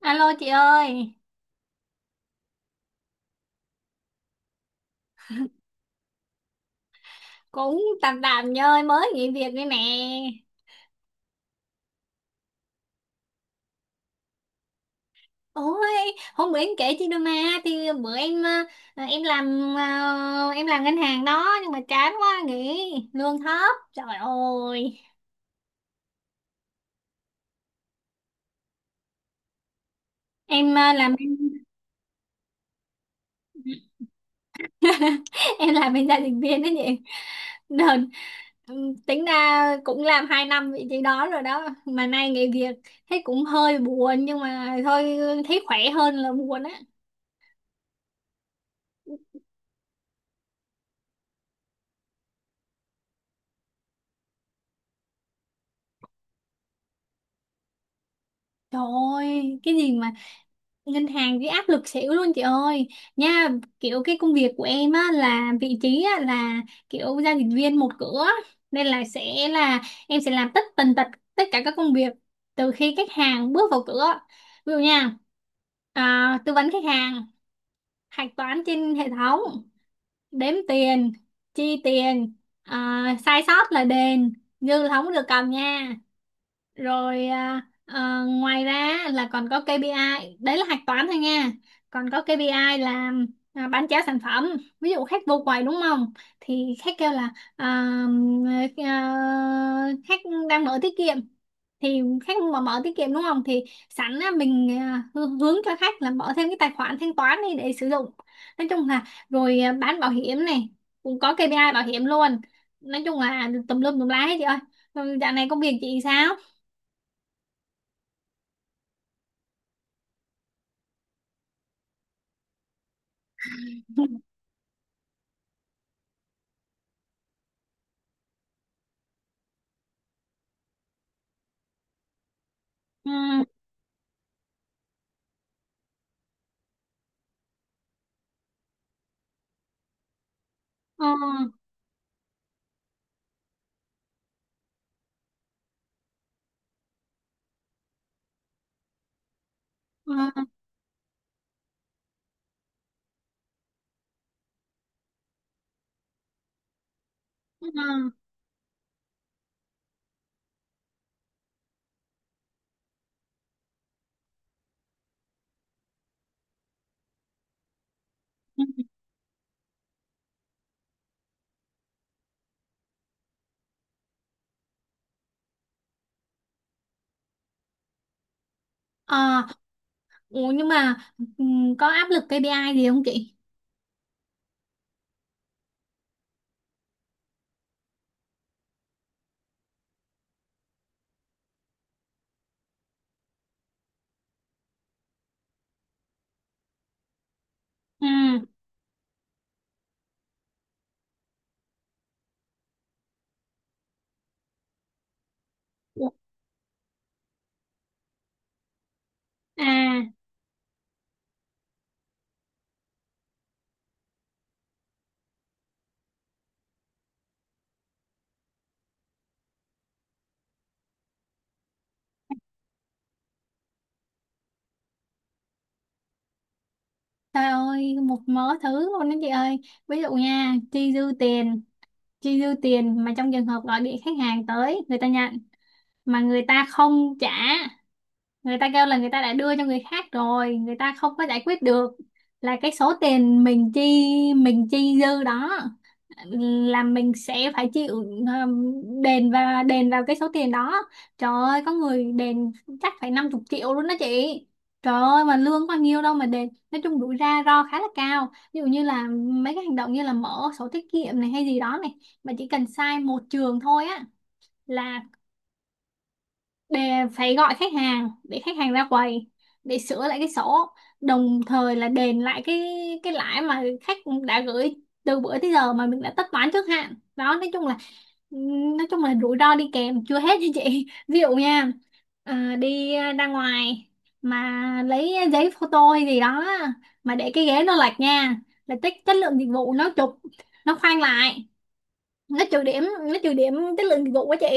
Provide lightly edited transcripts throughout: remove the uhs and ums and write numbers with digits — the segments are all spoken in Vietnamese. Alo chị ơi, cũng tạm tạm nha ơi, mới nghỉ việc đây nè. Ôi, hôm bữa em kể chị đôi mà, thì bữa em em làm em làm ngân hàng đó nhưng mà chán quá nghỉ, lương thấp. Trời ơi, em làm em làm bên gia đình viên đó chị. Đợt, tính ra cũng làm 2 năm vị trí đó rồi đó mà nay nghỉ việc thấy cũng hơi buồn nhưng mà thôi thấy khỏe hơn là buồn á. Trời ơi, cái gì mà ngân hàng với áp lực xỉu luôn chị ơi, nha, kiểu cái công việc của em á là vị trí á là kiểu giao dịch viên một cửa, nên là sẽ là em sẽ làm tất tần tật tất cả các công việc từ khi khách hàng bước vào cửa. Ví dụ nha, tư vấn khách hàng, hạch toán trên hệ thống, đếm tiền, chi tiền, sai sót là đền, dư là không có được cầm nha. Rồi ngoài ra là còn có KPI, đấy là hạch toán thôi nha, còn có KPI là bán trả sản phẩm. Ví dụ khách vô quầy đúng không, thì khách kêu là, à, à, khách đang mở tiết kiệm, thì khách mà mở tiết kiệm đúng không thì sẵn á, mình hướng cho khách là mở thêm cái tài khoản thanh toán đi để sử dụng. Nói chung là, rồi bán bảo hiểm này, cũng có KPI bảo hiểm luôn. Nói chung là tùm lum tùm lá hết chị ơi. Ừ, dạo này công việc chị sao? Ừ, ờ ờ ừ, ừ. Ờ, ủa nhưng mà ừ, có áp lực KPI gì không chị? Ừ. À, trời ơi, một mớ thứ luôn đó chị ơi. Ví dụ nha, chi dư tiền mà trong trường hợp gọi điện khách hàng tới, người ta nhận mà người ta không trả, người ta kêu là người ta đã đưa cho người khác rồi, người ta không có giải quyết được, là cái số tiền mình chi, mình chi dư đó, là mình sẽ phải chịu, đền và đền vào cái số tiền đó. Trời ơi có người đền chắc phải năm chục triệu luôn đó chị. Trời ơi mà lương có nhiêu đâu mà đền. Nói chung rủi ra ro khá là cao, ví dụ như là mấy cái hành động như là mở sổ tiết kiệm này hay gì đó này, mà chỉ cần sai một trường thôi á, là để phải gọi khách hàng để khách hàng ra quầy để sửa lại cái sổ, đồng thời là đền lại cái lãi mà khách đã gửi từ bữa tới giờ mà mình đã tất toán trước hạn đó. Nói chung là, nói chung là rủi ro đi kèm chưa hết nha chị. Ví dụ nha, đi ra ngoài mà lấy giấy photo hay gì đó mà để cái ghế nó lệch nha, là chất chất lượng dịch vụ nó chụp, nó khoan lại, nó trừ điểm, nó trừ điểm chất lượng dịch vụ quá chị.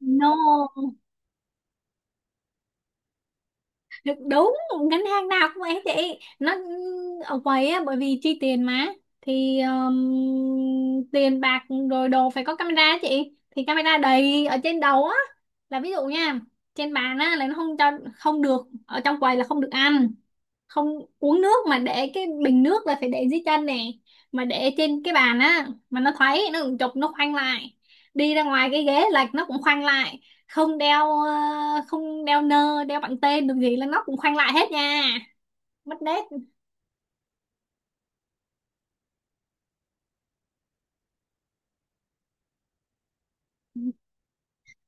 No. Được, đúng, ngân hàng nào cũng ấy chị, nó ở quầy á bởi vì chi tiền mà, thì tiền bạc rồi đồ phải có camera á chị, thì camera đầy ở trên đầu á. Là ví dụ nha, trên bàn á là nó không cho, không được, ở trong quầy là không được ăn, không uống nước, mà để cái bình nước là phải để dưới chân nè, mà để trên cái bàn á mà nó thấy nó cũng chụp nó khoanh lại, đi ra ngoài cái ghế lệch nó cũng khoanh lại, không đeo không đeo nơ đeo bằng tên được gì là nó cũng khoanh lại hết nha, mất nét.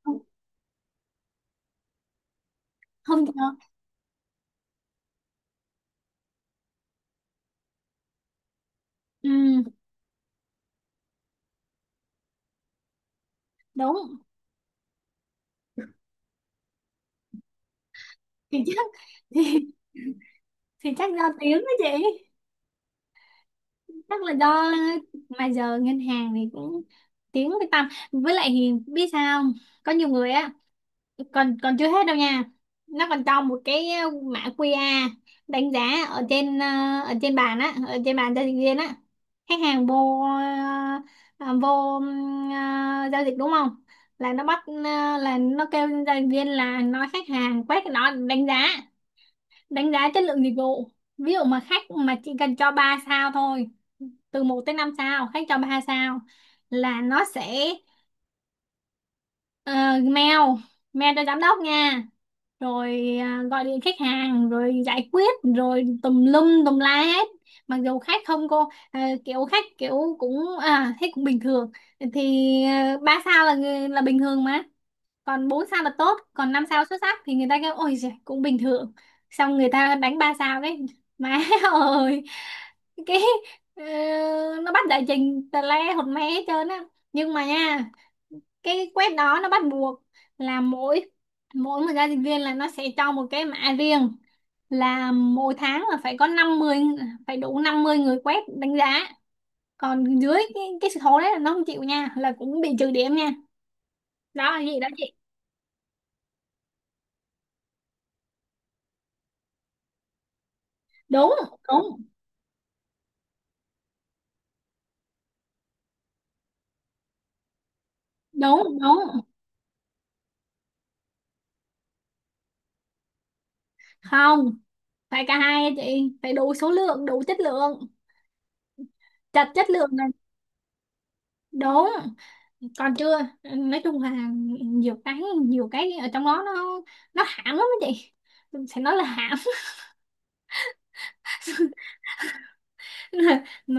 Không, không nhờ. Ừ đúng, thì chắc thì, thì chắc do tiếng đó chị, chắc là do mà giờ ngân hàng thì cũng tiếng với tăm với lại thì biết sao không? Có nhiều người á. Còn còn chưa hết đâu nha, nó còn cho một cái mã QR đánh giá ở trên ở trên bàn á, ở trên bàn giao dịch viên á. Khách hàng vô, ờ, vô giao dịch đúng không, là nó bắt là nó kêu giao dịch viên là nói khách hàng quét cái đó để đánh giá, đánh giá chất lượng dịch vụ. Ví dụ mà khách mà chỉ cần cho 3 sao thôi, từ một tới 5 sao khách cho 3 sao, là nó sẽ ờ, mail, mail cho giám đốc nha, rồi gọi điện khách hàng rồi giải quyết rồi tùm lum tùm la hết. Mặc dù khách không cô à, kiểu khách kiểu cũng, à thấy cũng bình thường thì à, ba sao là người- là bình thường mà, còn bốn sao là tốt, còn năm sao xuất sắc, thì người ta kêu ôi giời, cũng bình thường, xong người ta đánh ba sao đấy má. Ơi cái, ờ, nó bắt giải trình tè le hột me hết trơn á nhưng mà nha, cái quét đó nó bắt buộc là mỗi, mỗi một giao dịch viên là nó sẽ cho một cái mã riêng, là mỗi tháng là phải có 50, phải đủ 50 người quét đánh giá, còn dưới cái số đấy là nó không chịu nha, là cũng bị trừ điểm nha, đó là gì đó chị. Đúng đúng đúng đúng. Không, phải cả hai á chị, phải đủ số lượng đủ chất lượng, chặt chất lượng là đúng. Còn chưa, nói chung là nhiều cái, nhiều cái ở trong đó nó hãm lắm á chị, sẽ nói là hãm.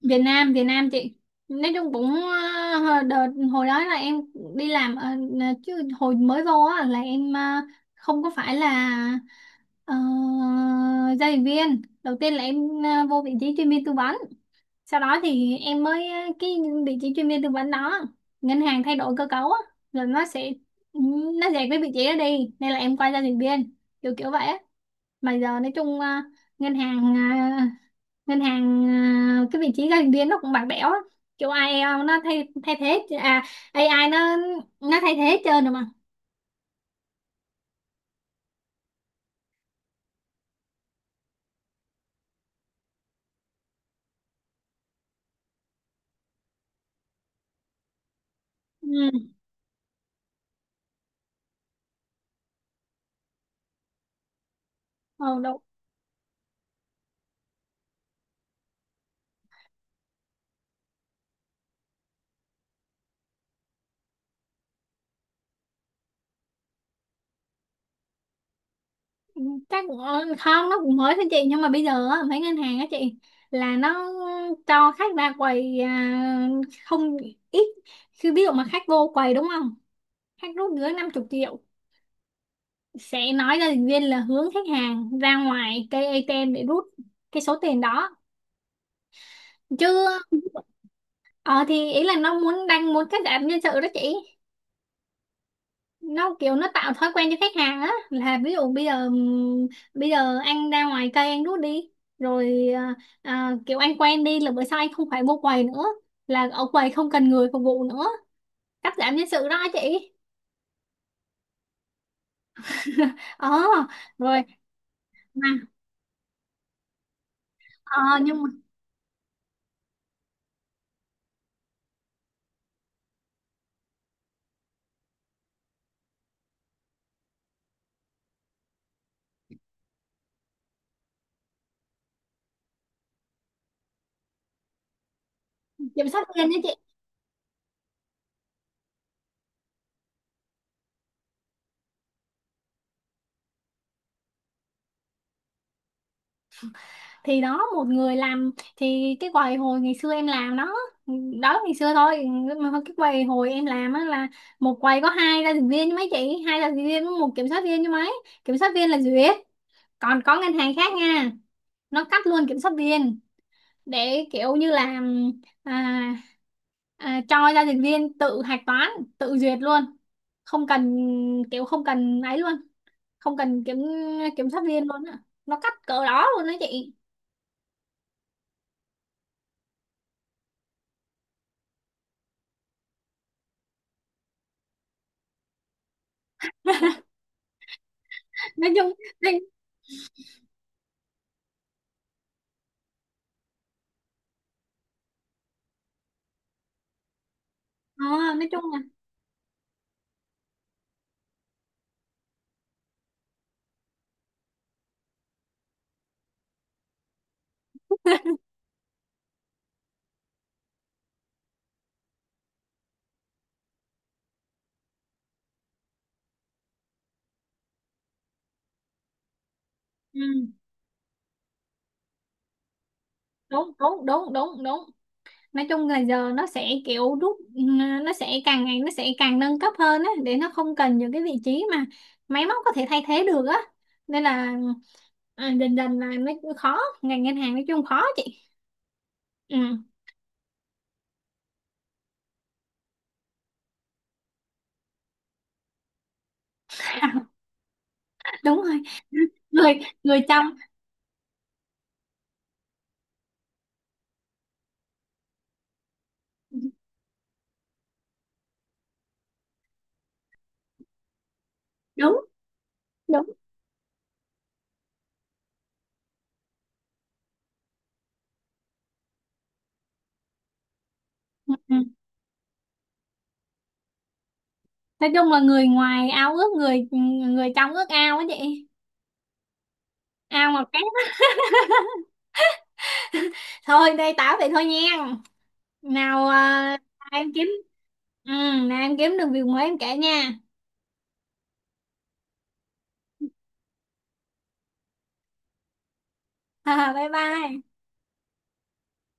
Việt Nam, Việt Nam chị, nói chung cũng đợt hồi đó là em đi làm chứ hồi mới vô á là em không có phải là ờ, giao dịch viên, đầu tiên là em vô vị trí chuyên viên tư vấn, sau đó thì em mới cái vị trí chuyên viên tư vấn đó ngân hàng thay đổi cơ cấu á, rồi nó sẽ, nó dẹp cái vị trí đó đi nên là em quay ra dịch viên, kiểu kiểu vậy á. Mà giờ nói chung ngân hàng ngân hàng cái vị trí giao dịch viên nó cũng bạc bẽo á, kiểu ai eo nó thay thay thế à, AI nó thay thế hết trơn rồi mà. Ừ, ừ, đúng. Chắc cũng không nó cũng mới thôi chị, nhưng mà bây giờ á, mấy ngân hàng á chị là nó cho khách ra quầy không ít khi, ví dụ mà khách vô quầy đúng không, khách rút dưới 50 triệu sẽ nói ra dịch viên là hướng khách hàng ra ngoài cây ATM để rút cái số tiền đó chứ. Ờ thì ý là nó muốn đang muốn cắt giảm nhân sự đó chị, nó kiểu nó tạo thói quen cho khách hàng á, là ví dụ bây giờ anh ra ngoài cây anh rút đi, rồi kiểu anh quen đi là bữa sau anh không phải mua quầy nữa, là ở quầy không cần người phục vụ nữa, cắt giảm nhân sự đó chị. Ờ rồi mà ờ, nhưng mà, kiểm soát viên đó chị, thì đó một người làm, thì cái quầy hồi ngày xưa em làm đó, đó ngày xưa thôi, mà cái quầy hồi em làm á là một quầy có hai giao dịch viên chứ mấy chị, hai giao dịch viên với một kiểm soát viên chứ mấy, kiểm soát viên là duyệt. Còn có ngân hàng khác nha, nó cắt luôn kiểm soát viên, để kiểu như là à, cho giao dịch viên tự hạch toán, tự duyệt luôn, không cần, kiểu không cần ấy luôn, không cần kiểm, kiểm soát viên luôn á, nó cắt cỡ đó luôn đó chị. Nói chung, Ờ, nói chung là ừ, đúng đúng đúng đúng đúng. Nói chung là giờ nó sẽ kiểu rút nó sẽ càng ngày nó sẽ càng nâng cấp hơn á, để nó không cần những cái vị trí mà máy móc có thể thay thế được á, nên là dần dần là nó khó, ngành ngân hàng nói chung khó chị. Ừ. Đúng rồi, người người trong, đúng đúng. Ừ. Ừ. Nói chung là người ngoài ao ước, người người trong ước ao á chị, ao ngọt cát. Thôi đây tao vậy thôi nha, nào à, em kiếm, ừ, nào em kiếm được việc mới em kể nha. Bye bye.